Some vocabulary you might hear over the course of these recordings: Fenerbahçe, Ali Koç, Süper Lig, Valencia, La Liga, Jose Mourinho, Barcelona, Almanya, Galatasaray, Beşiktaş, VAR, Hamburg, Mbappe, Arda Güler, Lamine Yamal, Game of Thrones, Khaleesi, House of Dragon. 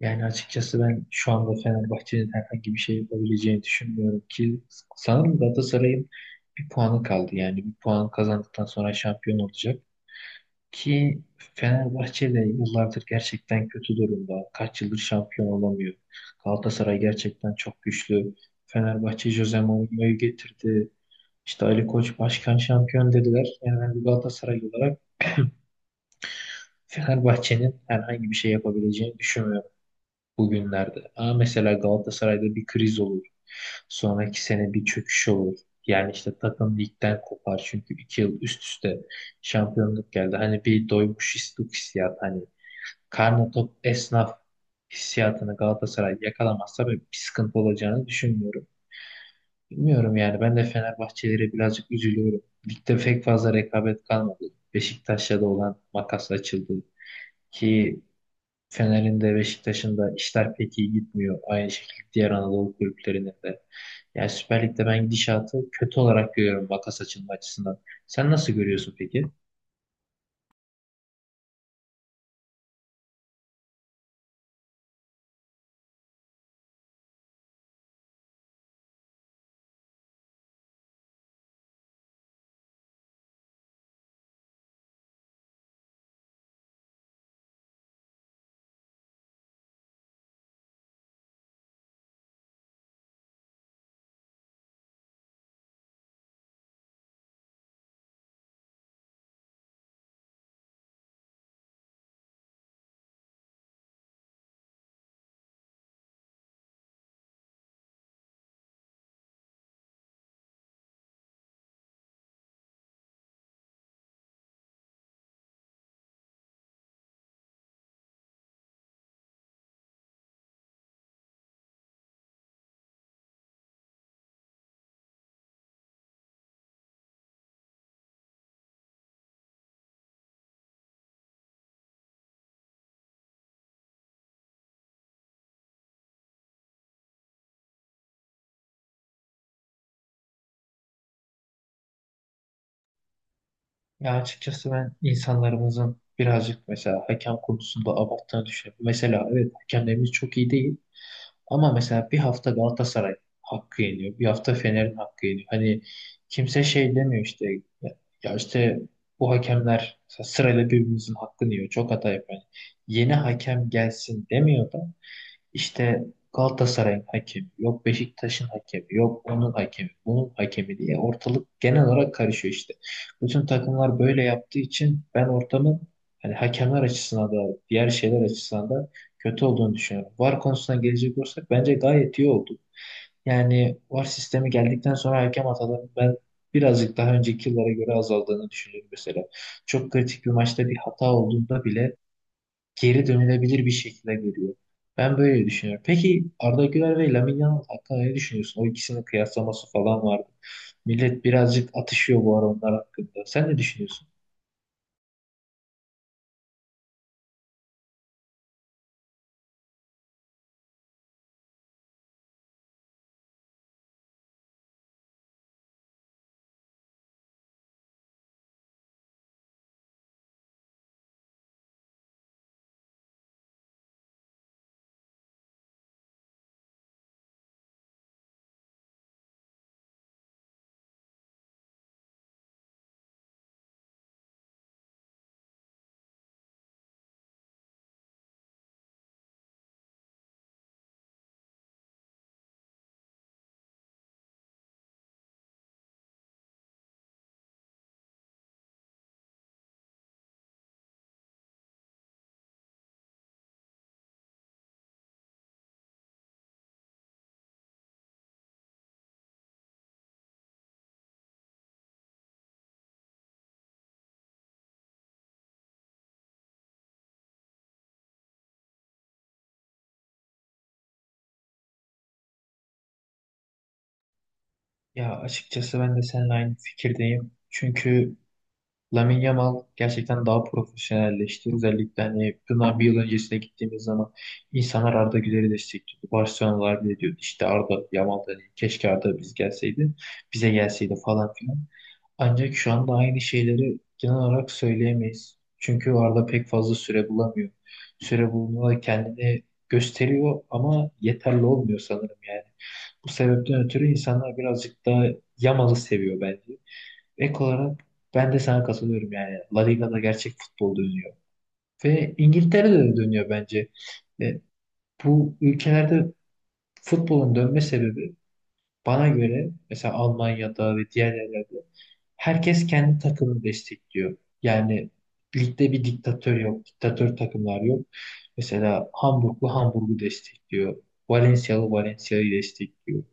Yani açıkçası ben şu anda Fenerbahçe'nin herhangi bir şey yapabileceğini düşünmüyorum ki sanırım Galatasaray'ın bir puanı kaldı. Yani bir puan kazandıktan sonra şampiyon olacak. Ki Fenerbahçe de yıllardır gerçekten kötü durumda. Kaç yıldır şampiyon olamıyor. Galatasaray gerçekten çok güçlü. Fenerbahçe Jose Mourinho'yu getirdi. İşte Ali Koç başkan şampiyon dediler. Yani ben bir Galatasaray olarak Fenerbahçe'nin herhangi bir şey yapabileceğini düşünmüyorum bugünlerde. Mesela Galatasaray'da bir kriz olur. Sonraki sene bir çöküş olur. Yani işte takım ligden kopar çünkü iki yıl üst üste şampiyonluk geldi. Hani bir doymuş istuk hissiyatı, hani karnı tok esnaf hissiyatını Galatasaray yakalamazsa ben bir sıkıntı olacağını düşünmüyorum. Bilmiyorum yani, ben de Fenerbahçelere birazcık üzülüyorum. Ligde pek fazla rekabet kalmadı. Beşiktaş'la da olan makas açıldı ki Fener'in de Beşiktaş'ın da işler pek iyi gitmiyor. Aynı şekilde diğer Anadolu kulüplerinin de. Yani Süper Lig'de ben gidişatı kötü olarak görüyorum, makas açılma açısından. Sen nasıl görüyorsun peki? Ya açıkçası ben insanlarımızın birazcık mesela hakem konusunda abarttığını düşünüyorum. Mesela evet, hakemlerimiz çok iyi değil. Ama mesela bir hafta Galatasaray hakkı yeniyor. Bir hafta Fener'in hakkı yeniyor. Hani kimse şey demiyor işte, ya, işte bu hakemler mesela sırayla birbirimizin hakkını yiyor. Çok hata yapıyor. Yani yeni hakem gelsin demiyor da işte Galatasaray'ın hakemi, yok Beşiktaş'ın hakemi, yok onun hakemi, bunun hakemi diye ortalık genel olarak karışıyor işte. Bütün takımlar böyle yaptığı için ben ortamın, hani hakemler açısından da diğer şeyler açısından da, kötü olduğunu düşünüyorum. VAR konusuna gelecek olursak bence gayet iyi oldu. Yani VAR sistemi geldikten sonra hakem hatalarının ben birazcık daha önceki yıllara göre azaldığını düşünüyorum mesela. Çok kritik bir maçta bir hata olduğunda bile geri dönülebilir bir şekilde geliyor. Ben böyle düşünüyorum. Peki Arda Güler ve Lamine Yamal hakkında ne düşünüyorsun? O ikisinin kıyaslaması falan vardı. Millet birazcık atışıyor bu ara onlar hakkında. Sen ne düşünüyorsun? Ya açıkçası ben de seninle aynı fikirdeyim. Çünkü Lamine Yamal gerçekten daha profesyonelleşti. Özellikle hani bundan bir yıl öncesine gittiğimiz zaman insanlar Arda Güler'i destekliyordu. Barcelona'lar bile diyordu işte Arda Yamal da değil, keşke Arda biz gelseydi, bize gelseydi falan filan. Ancak şu anda aynı şeyleri genel olarak söyleyemeyiz. Çünkü Arda pek fazla süre bulamıyor. Süre bulmada kendini gösteriyor ama yeterli olmuyor sanırım yani. Bu sebepten ötürü insanlar birazcık daha Yamal'ı seviyor bence. Ek olarak ben de sana katılıyorum yani. La Liga'da gerçek futbol dönüyor. Ve İngiltere'de de dönüyor bence. E, Bu ülkelerde futbolun dönme sebebi, bana göre, mesela Almanya'da ve diğer yerlerde, herkes kendi takımını destekliyor. Yani ligde bir diktatör yok. Diktatör takımlar yok. Mesela Hamburglu Hamburg'u destekliyor. Valencia'lı Valencia'yı destekliyor.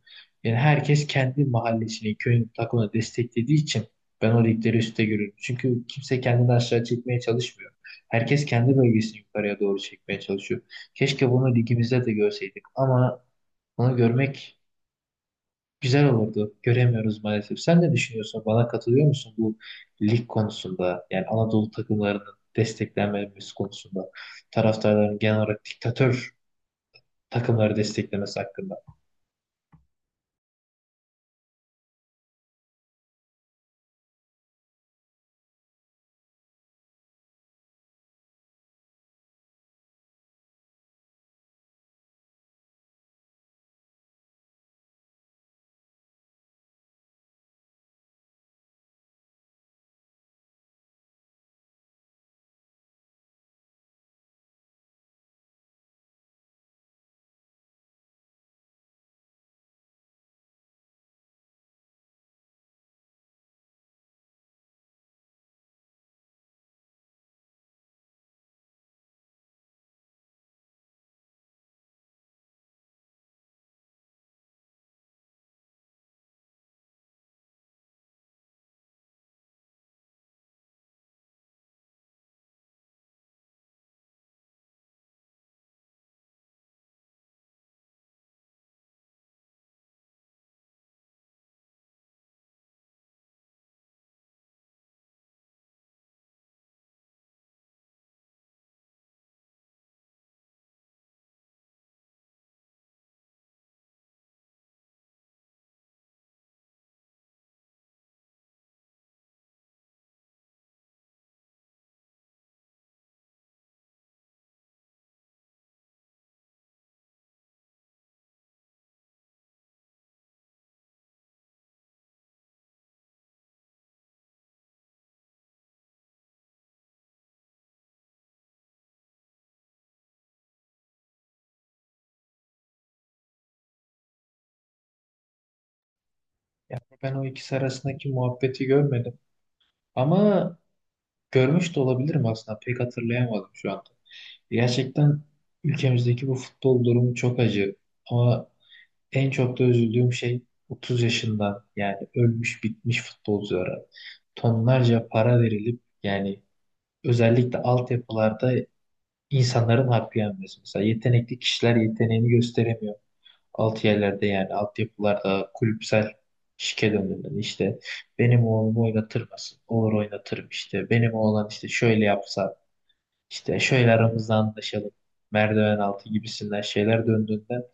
Yani herkes kendi mahallesini, köyün takımını desteklediği için ben o ligleri üstte görüyorum. Çünkü kimse kendini aşağı çekmeye çalışmıyor. Herkes kendi bölgesini yukarıya doğru çekmeye çalışıyor. Keşke bunu ligimizde de görseydik ama bunu görmek güzel olurdu. Göremiyoruz maalesef. Sen ne düşünüyorsun? Bana katılıyor musun bu lig konusunda? Yani Anadolu takımlarının desteklenmemesi konusunda. Taraftarların genel olarak diktatör takımları desteklemesi hakkında. Yani ben o ikisi arasındaki muhabbeti görmedim. Ama görmüş de olabilirim aslında. Pek hatırlayamadım şu anda. Gerçekten ülkemizdeki bu futbol durumu çok acı. Ama en çok da üzüldüğüm şey, 30 yaşından yani ölmüş bitmiş futbolculara tonlarca para verilip yani özellikle altyapılarda insanların hakkı yenmesi. Mesela yetenekli kişiler yeteneğini gösteremiyor. Alt yerlerde yani altyapılarda kulüpsel şike döneminde işte benim oğlumu oynatırmasın. Olur, oynatırım işte. Benim oğlan işte şöyle yapsa, işte şöyle aramızda anlaşalım. Merdiven altı gibisinden şeyler döndüğünde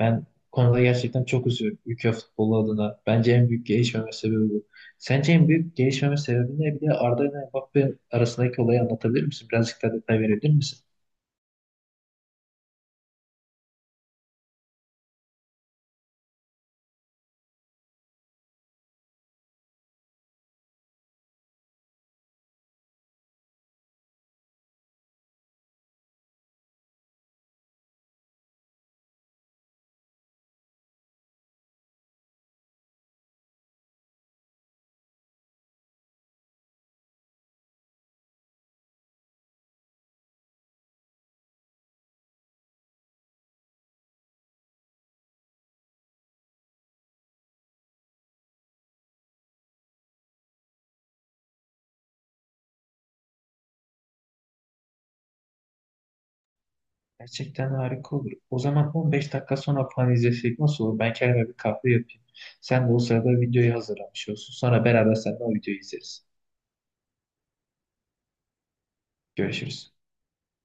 ben bu konuda gerçekten çok üzülüyorum ülke futbolu adına. Bence en büyük gelişmeme sebebi bu. Sence en büyük gelişmeme sebebi ne? Bir de Arda ile Mbappe arasındaki olayı anlatabilir misin? Birazcık daha detay verebilir misin? Gerçekten harika olur. O zaman 15 dakika sonra falan izlesek nasıl olur? Ben kendime bir kahve yapayım. Sen de o sırada videoyu hazırlamış olsun. Sonra beraber seninle o videoyu izleriz. Görüşürüz.